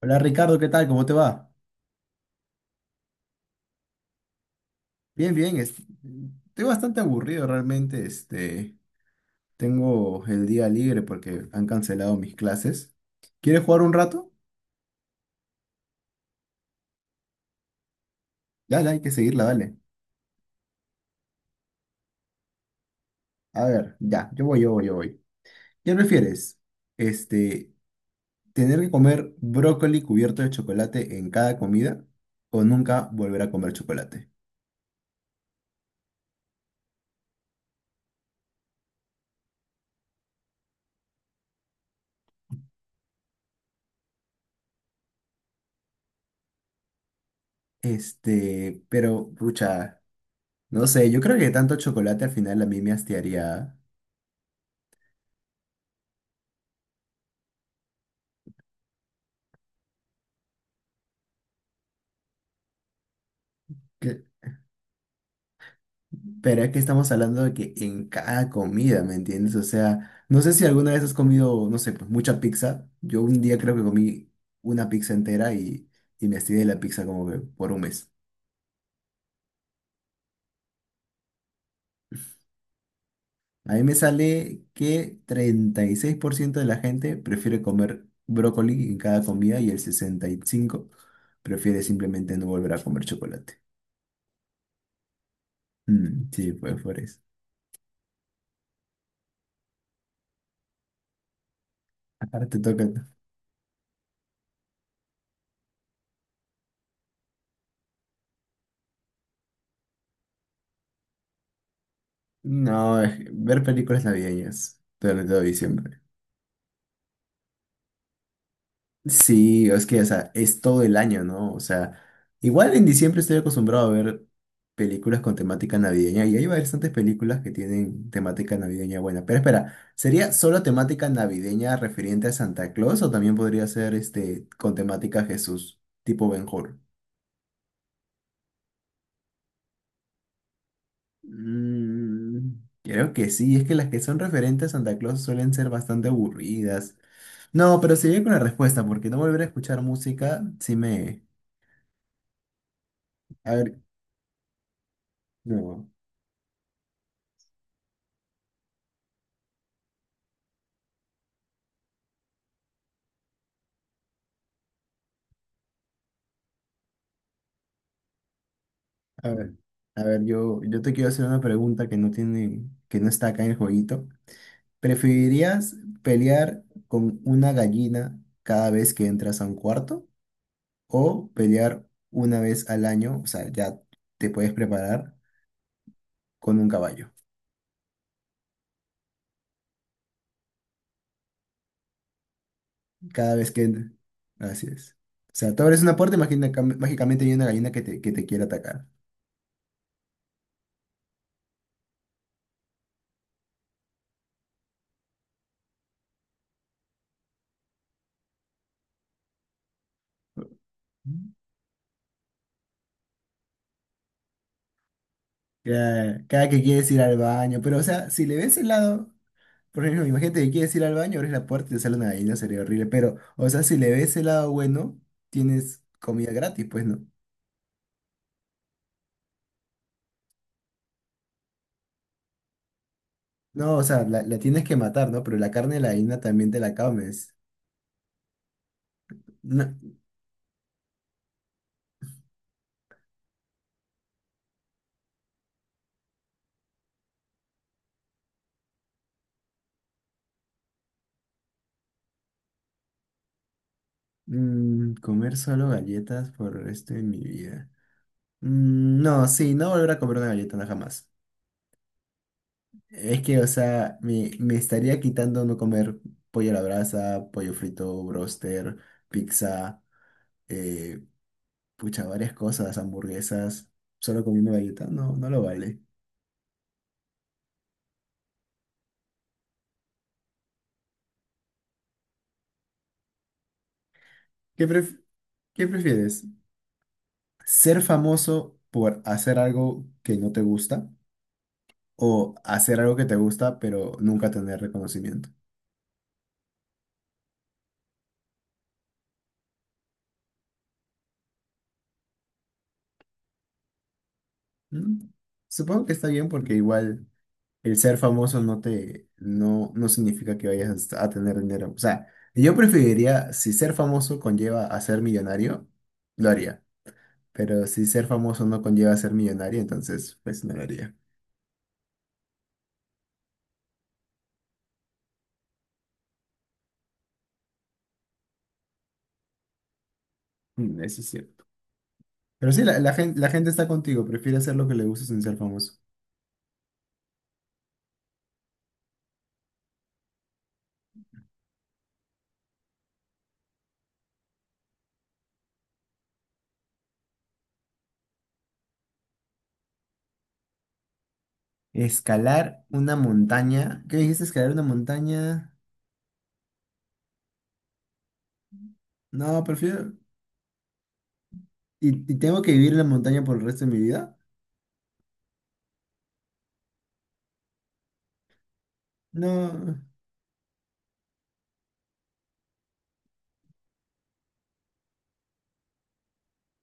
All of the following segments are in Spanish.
Hola Ricardo, ¿qué tal? ¿Cómo te va? Bien, bien. Estoy bastante aburrido realmente. Tengo el día libre porque han cancelado mis clases. ¿Quieres jugar un rato? Dale, hay que seguirla, dale. A ver, ya, yo voy, yo voy, yo voy. ¿Qué prefieres? Este, ¿Tener que comer brócoli cubierto de chocolate en cada comida o nunca volver a comer chocolate? Este, pero, pucha, no sé, yo creo que tanto chocolate al final a mí me hastiaría. Pero es que estamos hablando de que en cada comida, ¿me entiendes? O sea, no sé si alguna vez has comido, no sé, pues mucha pizza. Yo un día creo que comí una pizza entera y me estiré de la pizza como que por un mes. A mí me sale que 36% de la gente prefiere comer brócoli en cada comida y el 65% prefiere simplemente no volver a comer chocolate. Mm, sí, pues por eso. Ahora te toca... No, ver películas navideñas durante todo diciembre. Sí, es que, o sea, es todo el año, ¿no? O sea, igual en diciembre estoy acostumbrado a ver películas con temática navideña y hay bastantes películas que tienen temática navideña buena. Pero espera, ¿sería solo temática navideña referente a Santa Claus o también podría ser este con temática Jesús, tipo Ben-Hur? Mm, creo que sí, es que las que son referentes a Santa Claus suelen ser bastante aburridas. No, pero seguiré con la respuesta porque no volver a escuchar música, sí me... A ver, no. A ver, a ver, yo te quiero hacer una pregunta que no tiene, que no está acá en el jueguito. ¿Preferirías pelear con una gallina cada vez que entras a un cuarto? ¿O pelear una vez al año? O sea, ya te puedes preparar con un caballo. Cada vez que entres. Así es. O sea, tú abres una puerta y mágicamente hay una gallina que te quiere atacar. Cada, cada que quieres ir al baño, pero o sea, si le ves el lado, por ejemplo, imagínate que quieres ir al baño, abres la puerta y te sale una gallina, sería horrible. Pero, o sea, si le ves el lado bueno, tienes comida gratis, pues no. No, o sea, la tienes que matar, ¿no? Pero la carne de la gallina también te la comes. No. Mm, comer solo galletas por el resto de mi vida. Mm, no, sí, no volver a comer una galleta, no jamás. Es que, o sea, me estaría quitando no comer pollo a la brasa, pollo frito, broster, pizza. eh, Pucha, varias cosas, hamburguesas, solo comiendo galleta, no, no lo vale. ¿Qué pref- ¿qué prefieres? ¿Ser famoso por hacer algo que no te gusta o hacer algo que te gusta pero nunca tener reconocimiento? ¿Mm? Supongo que está bien porque igual el ser famoso no te, no, no significa que vayas a tener dinero. O sea, yo preferiría, si ser famoso conlleva a ser millonario, lo haría. Pero si ser famoso no conlleva a ser millonario, entonces pues no lo haría. Mm, eso es cierto. Pero sí, la gente, la gente está contigo, prefiere hacer lo que le gusta sin ser famoso. Escalar una montaña. ¿Qué dijiste? ¿Escalar una montaña? No, prefiero. Y tengo que vivir en la montaña por el resto de mi vida? No.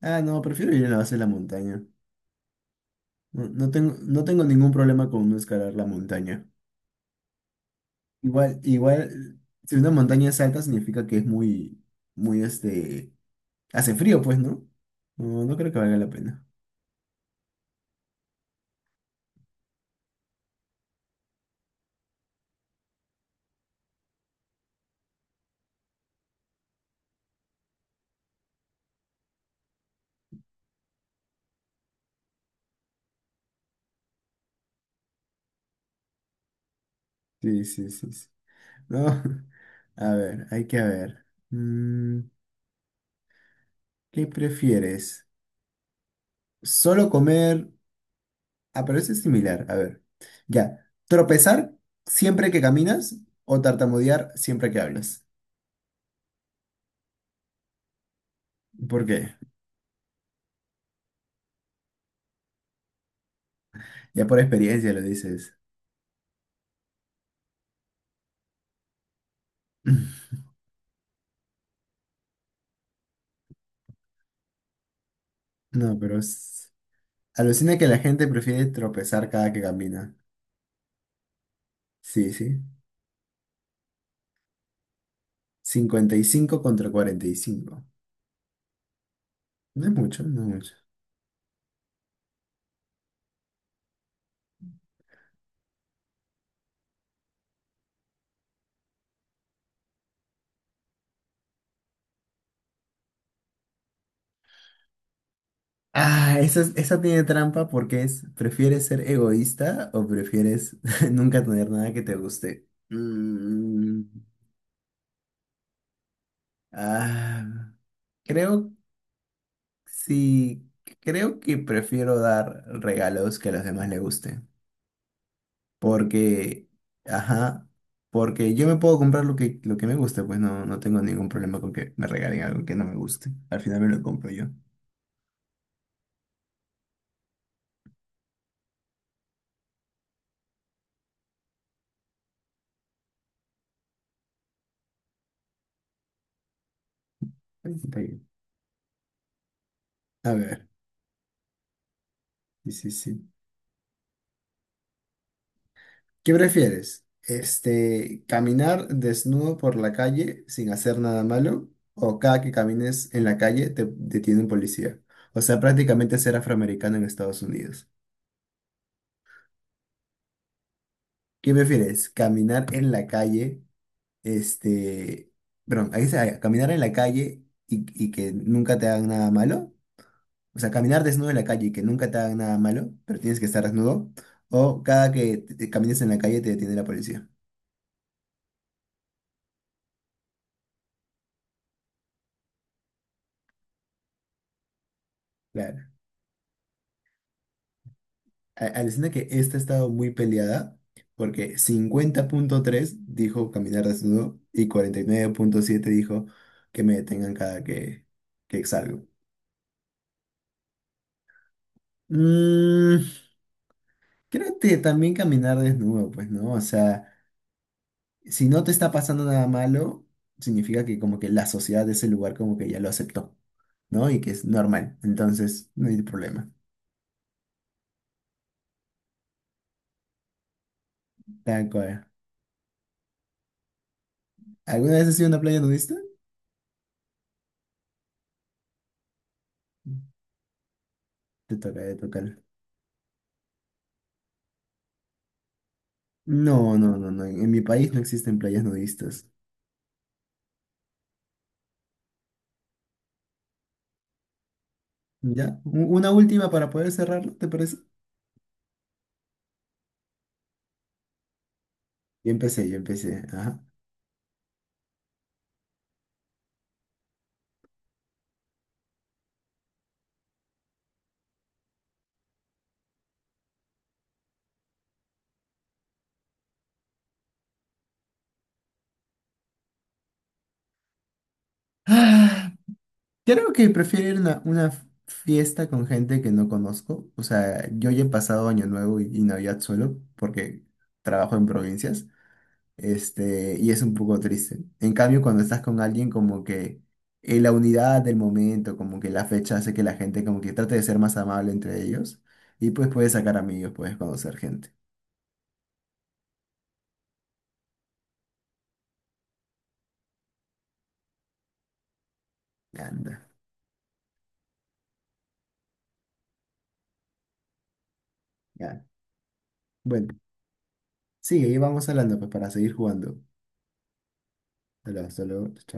Ah, no, prefiero vivir en la base de la montaña. No, no tengo, no tengo ningún problema con no escalar la montaña. Igual, igual, si una montaña es alta, significa que es muy, muy, hace frío, pues, ¿no? No, no creo que valga la pena. Sí, sí, sí, sí. No, a ver, hay que ver. Mm, ¿qué prefieres? Solo comer. Ah, pero ese es similar. A ver. Ya. ¿Tropezar siempre que caminas o tartamudear siempre que hablas? ¿Por qué? Ya por experiencia lo dices. No, pero alucina que la gente prefiere tropezar cada que camina. Sí, sí. 55 contra 45. No es mucho, no es mucho. Ah, esa, esa tiene trampa porque es, ¿prefieres ser egoísta o prefieres nunca tener nada que te guste? Mm, ah, creo, sí, creo que prefiero dar regalos que a los demás les gusten. Porque, ajá, porque yo me puedo comprar lo que me guste, pues no, no tengo ningún problema con que me regalen algo que no me guste. Al final me lo compro yo. Ahí está bien. A ver, sí, sí, sí. ¿Qué prefieres? ¿Caminar desnudo por la calle sin hacer nada malo? ¿O cada que camines en la calle te detiene un policía? O sea, prácticamente ser afroamericano en Estados Unidos. ¿Qué prefieres? ¿Caminar en la calle? Este, perdón, ahí dice, ah, caminar en la calle y que nunca te hagan nada malo. O sea, caminar desnudo en la calle y que nunca te hagan nada malo, pero tienes que estar desnudo. O cada que te camines en la calle te detiene la policía. Claro. Alucina que esta ha estado muy peleada porque 50,3% dijo caminar desnudo y 49,7% dijo que me detengan cada que salgo. Mm, creo que también caminar desnudo, pues, ¿no? O sea, si no te está pasando nada malo, significa que como que la sociedad de ese lugar como que ya lo aceptó, ¿no? Y que es normal, entonces no hay problema. Tal cual. ¿Alguna vez has sido una playa nudista? Te toca, te toca. No, no, no, no. En mi país no existen playas nudistas. ¿Ya? Una última para poder cerrarlo, ¿te parece? Yo empecé, yo empecé. Ajá. Ah, creo que prefiero ir a una fiesta con gente que no conozco. O sea, yo ya he pasado Año Nuevo y Navidad solo porque trabajo en provincias. Este, y es un poco triste. En cambio, cuando estás con alguien, como que la unidad del momento, como que la fecha hace que la gente como que trate de ser más amable entre ellos. Y pues puedes sacar amigos, puedes conocer gente. Anda, ya. Bueno, sigue y vamos hablando pues para seguir jugando. Hasta luego, hasta luego. Chao.